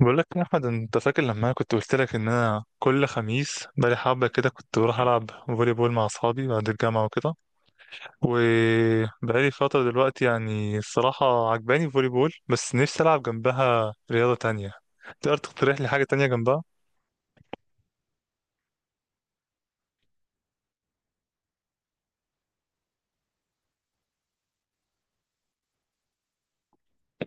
بقول لك يا احمد، انت فاكر لما انا كنت قلت لك ان انا كل خميس بقالي حبه كده كنت بروح العب فولي بول مع اصحابي بعد الجامعه وكده؟ وبقالي فتره دلوقتي، يعني الصراحه عجباني فولي بول، بس نفسي العب جنبها رياضه تانية. تقدر تقترح لي حاجه تانية جنبها؟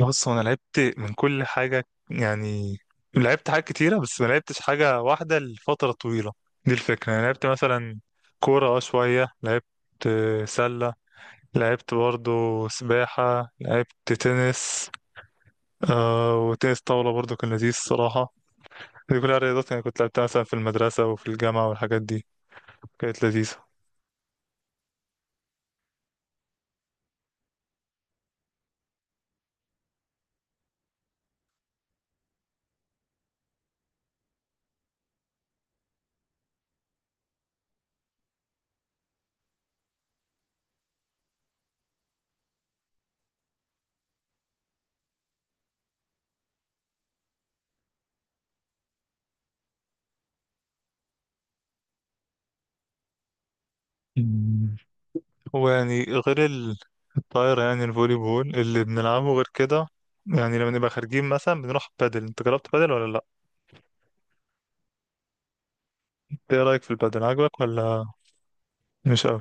بص، هو انا لعبت من كل حاجه يعني. لعبت حاجات كتيره بس ما لعبتش حاجه واحده لفتره طويله. دي الفكره. انا لعبت مثلا كوره، اه شويه، لعبت سله، لعبت برضو سباحة، لعبت تنس، آه وتنس طاولة برضو كان لذيذ الصراحة. دي كلها رياضات يعني كنت لعبتها مثلا في المدرسة وفي الجامعة، والحاجات دي كانت لذيذة. مم. ويعني غير الطايرة، يعني الفولي بول اللي بنلعبه غير كده. يعني لما نبقى خارجين مثلا بنروح بادل. انت جربت بادل ولا لا؟ ايه رأيك في البادل؟ عجبك ولا مش قوي؟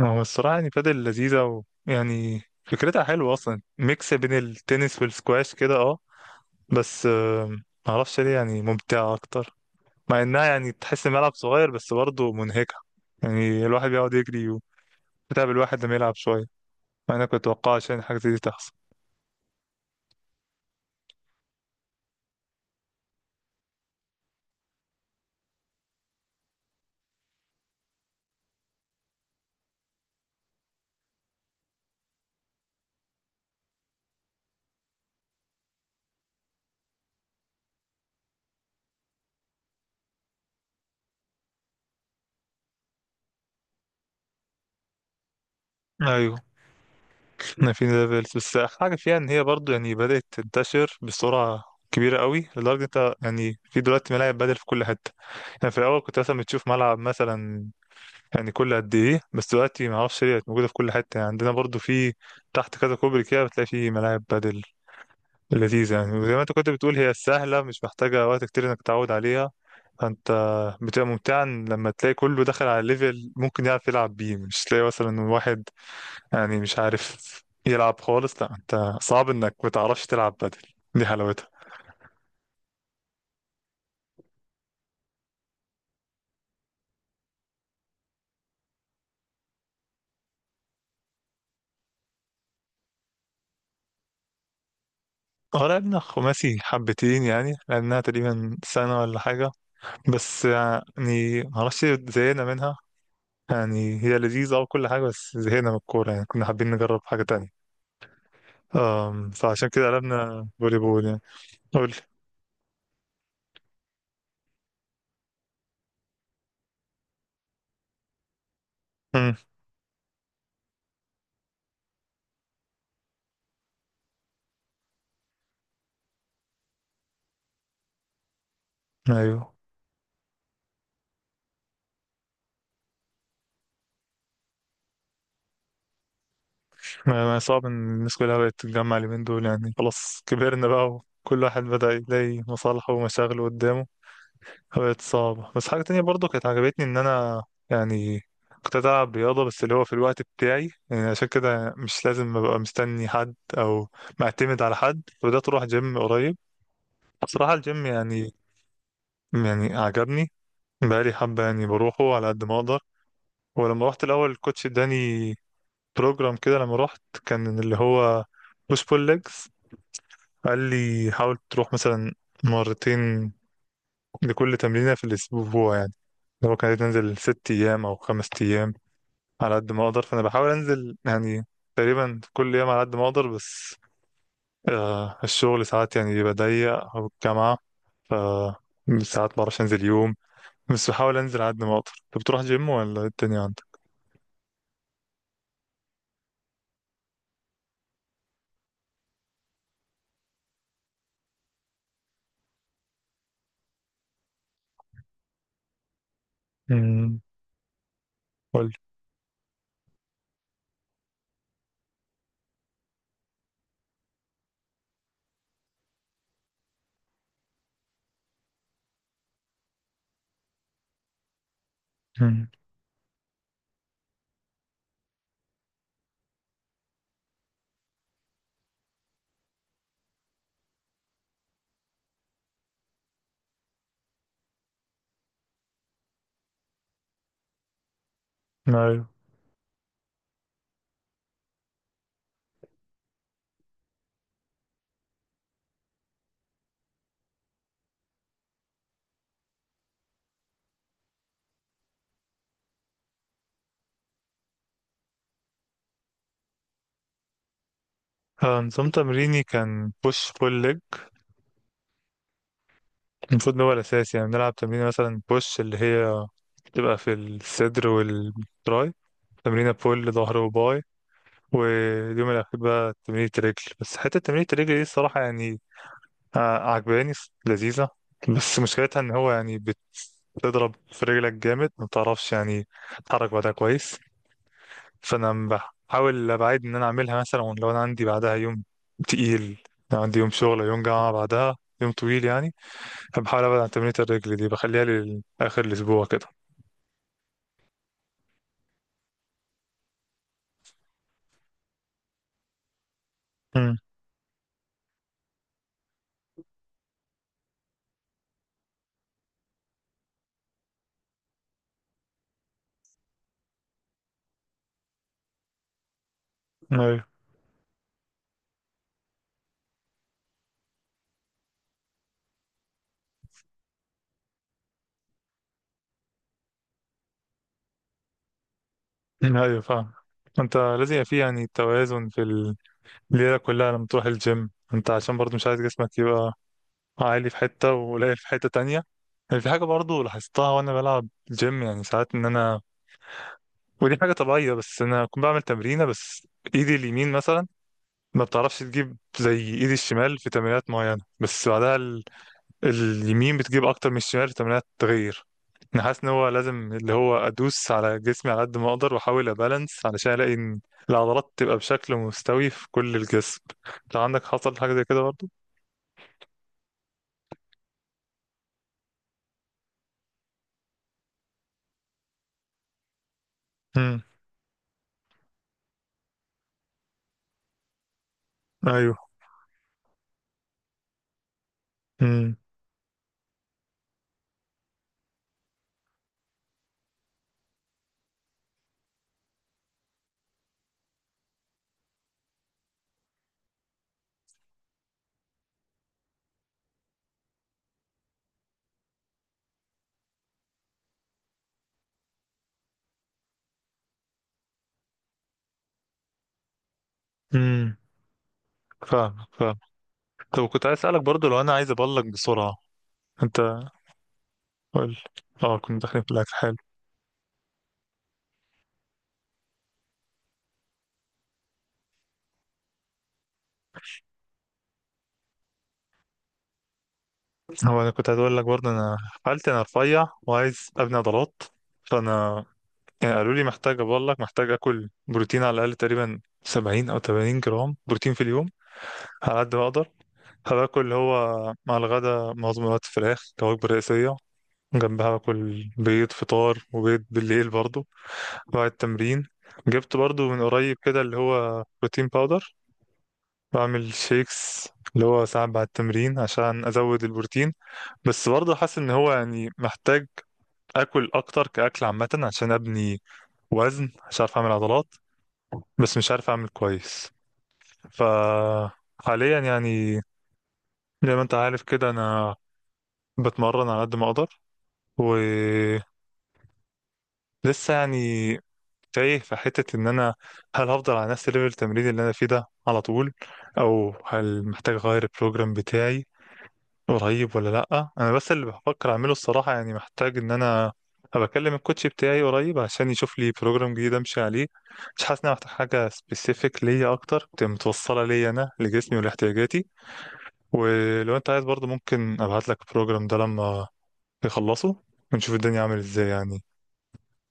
هو الصراحة يعني بادل لذيذة، ويعني فكرتها حلوة أصلا، ميكس بين التنس والسكواش كده، اه. بس معرفش ليه يعني ممتعة أكتر. مع إنها يعني تحس إن ملعب صغير بس برضه منهكة. يعني الواحد بيقعد يجري، وتعب الواحد لما يلعب شوية، مع إن أنا كنت متوقع عشان حاجة زي دي تحصل. أيوه. إن في ليفلز، بس حاجة فيها إن هي برضه يعني بدأت تنتشر بسرعة كبيرة قوي، لدرجة أنت يعني في دلوقتي ملاعب بدل في كل حتة. يعني في الأول كنت مثلا بتشوف ملعب مثلا يعني كل قد إيه، بس دلوقتي معرفش ليه بقت موجودة في كل حتة. يعني عندنا برضه في تحت كذا كوبري كده بتلاقي في ملاعب بدل. لذيذة يعني، وزي ما انت كنت بتقول، هي سهلة مش محتاجة وقت كتير انك تتعود عليها. فانت بتبقى ممتعة إن لما تلاقي كله دخل على ليفل ممكن يعرف يلعب بيه، مش تلاقي مثلا واحد يعني مش عارف يلعب خالص. لا، انت صعب انك ما تعرفش تلعب بدل، دي حلاوتها. اه، لعبنا خماسي حبتين، يعني لعبناها تقريبا سنة ولا حاجة، بس يعني معرفش زهقنا منها. يعني هي لذيذة وكل حاجة بس زهقنا من الكورة، يعني كنا حابين نجرب حاجة تانية. فعشان كده قلبنا فولي بول يعني. قول. امم. ايوه. ما صعب ان الناس كلها بقت تتجمع اليومين دول، يعني خلاص كبرنا بقى وكل واحد بدأ يلاقي مصالحه ومشاغله قدامه. فبقت صعبة. بس حاجة تانية برضو كانت عجبتني، ان انا يعني كنت ألعب رياضة بس اللي هو في الوقت بتاعي، يعني عشان كده مش لازم أبقى مستني حد أو معتمد على حد، فبدأت أروح جيم قريب. بصراحة الجيم يعني عجبني. بقالي حبة، يعني بروحه على قد ما أقدر. ولما رحت الأول، الكوتش اداني بروجرام كده لما رحت، كان اللي هو بوش بول ليجز. قال لي حاول تروح مثلا مرتين لكل تمرينة في الأسبوع، يعني لو كانت تنزل ست أيام أو خمس أيام على قد ما أقدر. فأنا بحاول أنزل يعني تقريبا كل يوم على قد ما أقدر، بس الشغل ساعات يعني بيبقى ضيق أو الجامعة، ف ساعات بعرفش أنزل يوم، بس بحاول أنزل على قد ما أقدر. أنت بتروح جيم ولا إيه الدنيا عندك؟ امم. قولي. امم. أيوه. نظام تمريني كان بوش بول. المفروض إن هو الأساس، يعني بنلعب تمرين مثلا بوش اللي هي بتبقى في الصدر والتراي، تمرينة بول ظهر وباي، واليوم الأخير بقى تمرينة رجل. بس حتة تمرينة الرجل دي الصراحة يعني ع- عجباني لذيذة. بس مشكلتها إن هو يعني بتضرب في رجلك جامد ما بتعرفش يعني تتحرك بعدها كويس. فأنا بحاول أبعد إن أنا أعملها مثلا لو أنا عندي بعدها يوم تقيل، لو عندي يوم شغل أو يوم جامعة بعدها يوم طويل يعني، بحاول ابعد عن تمرينة الرجل دي، بخليها لاخر الاسبوع كده. امم. ايوه. ايوه فاهم. انت لازم يبقى في، يعني، توازن في الليله كلها لما تروح الجيم، انت عشان برضو مش عايز جسمك يبقى عالي في حته وقليل في حته تانية. يعني في حاجه برضو لاحظتها وانا بلعب جيم، يعني ساعات ان انا، ودي حاجه طبيعيه، بس انا كنت بعمل تمرينه بس ايدي اليمين مثلا ما بتعرفش تجيب زي ايدي الشمال في تمرينات معينه، بس بعدها اليمين بتجيب اكتر من الشمال في تمرينات التغيير. انا حاسس ان هو لازم اللي هو ادوس على جسمي على قد ما اقدر واحاول ابالانس، علشان الاقي ان العضلات تبقى بشكل مستوي في كل الجسم. لو عندك حصل حاجه زي كده برضه؟ امم. ايوه. امم. امم. فاهم فاهم. طب كنت عايز اسالك برضه، لو انا عايز ابلغ بسرعه. انت، قول. اه، كنا داخلين في الاكل، حلو. هو انا كنت عايز اقول لك برضه، انا حالتي انا رفيع وعايز ابني عضلات. فانا يعني قالوا لي محتاج، بقول لك محتاج اكل بروتين على الاقل تقريبا 70 او 80 جرام بروتين في اليوم على قد ما اقدر. هباكل اللي هو مع الغدا معظم الوقت فراخ كوجبه رئيسيه، جنبها باكل بيض فطار وبيض بالليل برضو بعد التمرين. جبت برضو من قريب كده اللي هو بروتين باودر، بعمل شيكس اللي هو ساعات بعد التمرين عشان ازود البروتين. بس برضه حاسس ان هو يعني محتاج اكل اكتر كاكل عامه، عشان ابني وزن عشان اعرف اعمل عضلات، بس مش عارف اعمل كويس. فحاليا يعني زي ما انت عارف كده، انا بتمرن على قد ما اقدر، ولسه يعني تايه في حتة. ان انا هل هفضل على نفس ليفل التمرين اللي انا فيه ده على طول، او هل محتاج اغير البروجرام بتاعي قريب ولا لأ؟ انا بس اللي بفكر اعمله الصراحة، يعني محتاج ان انا بكلم الكوتش بتاعي قريب عشان يشوف لي بروجرام جديد امشي عليه. مش حاسس ان انا محتاج حاجة سبيسيفيك ليا اكتر، تبقى متوصلة ليا انا لجسمي ولاحتياجاتي. ولو انت عايز برضه ممكن ابعت لك البروجرام ده لما يخلصه، ونشوف الدنيا عامل ازاي، يعني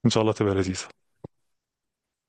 ان شاء الله تبقى لذيذة.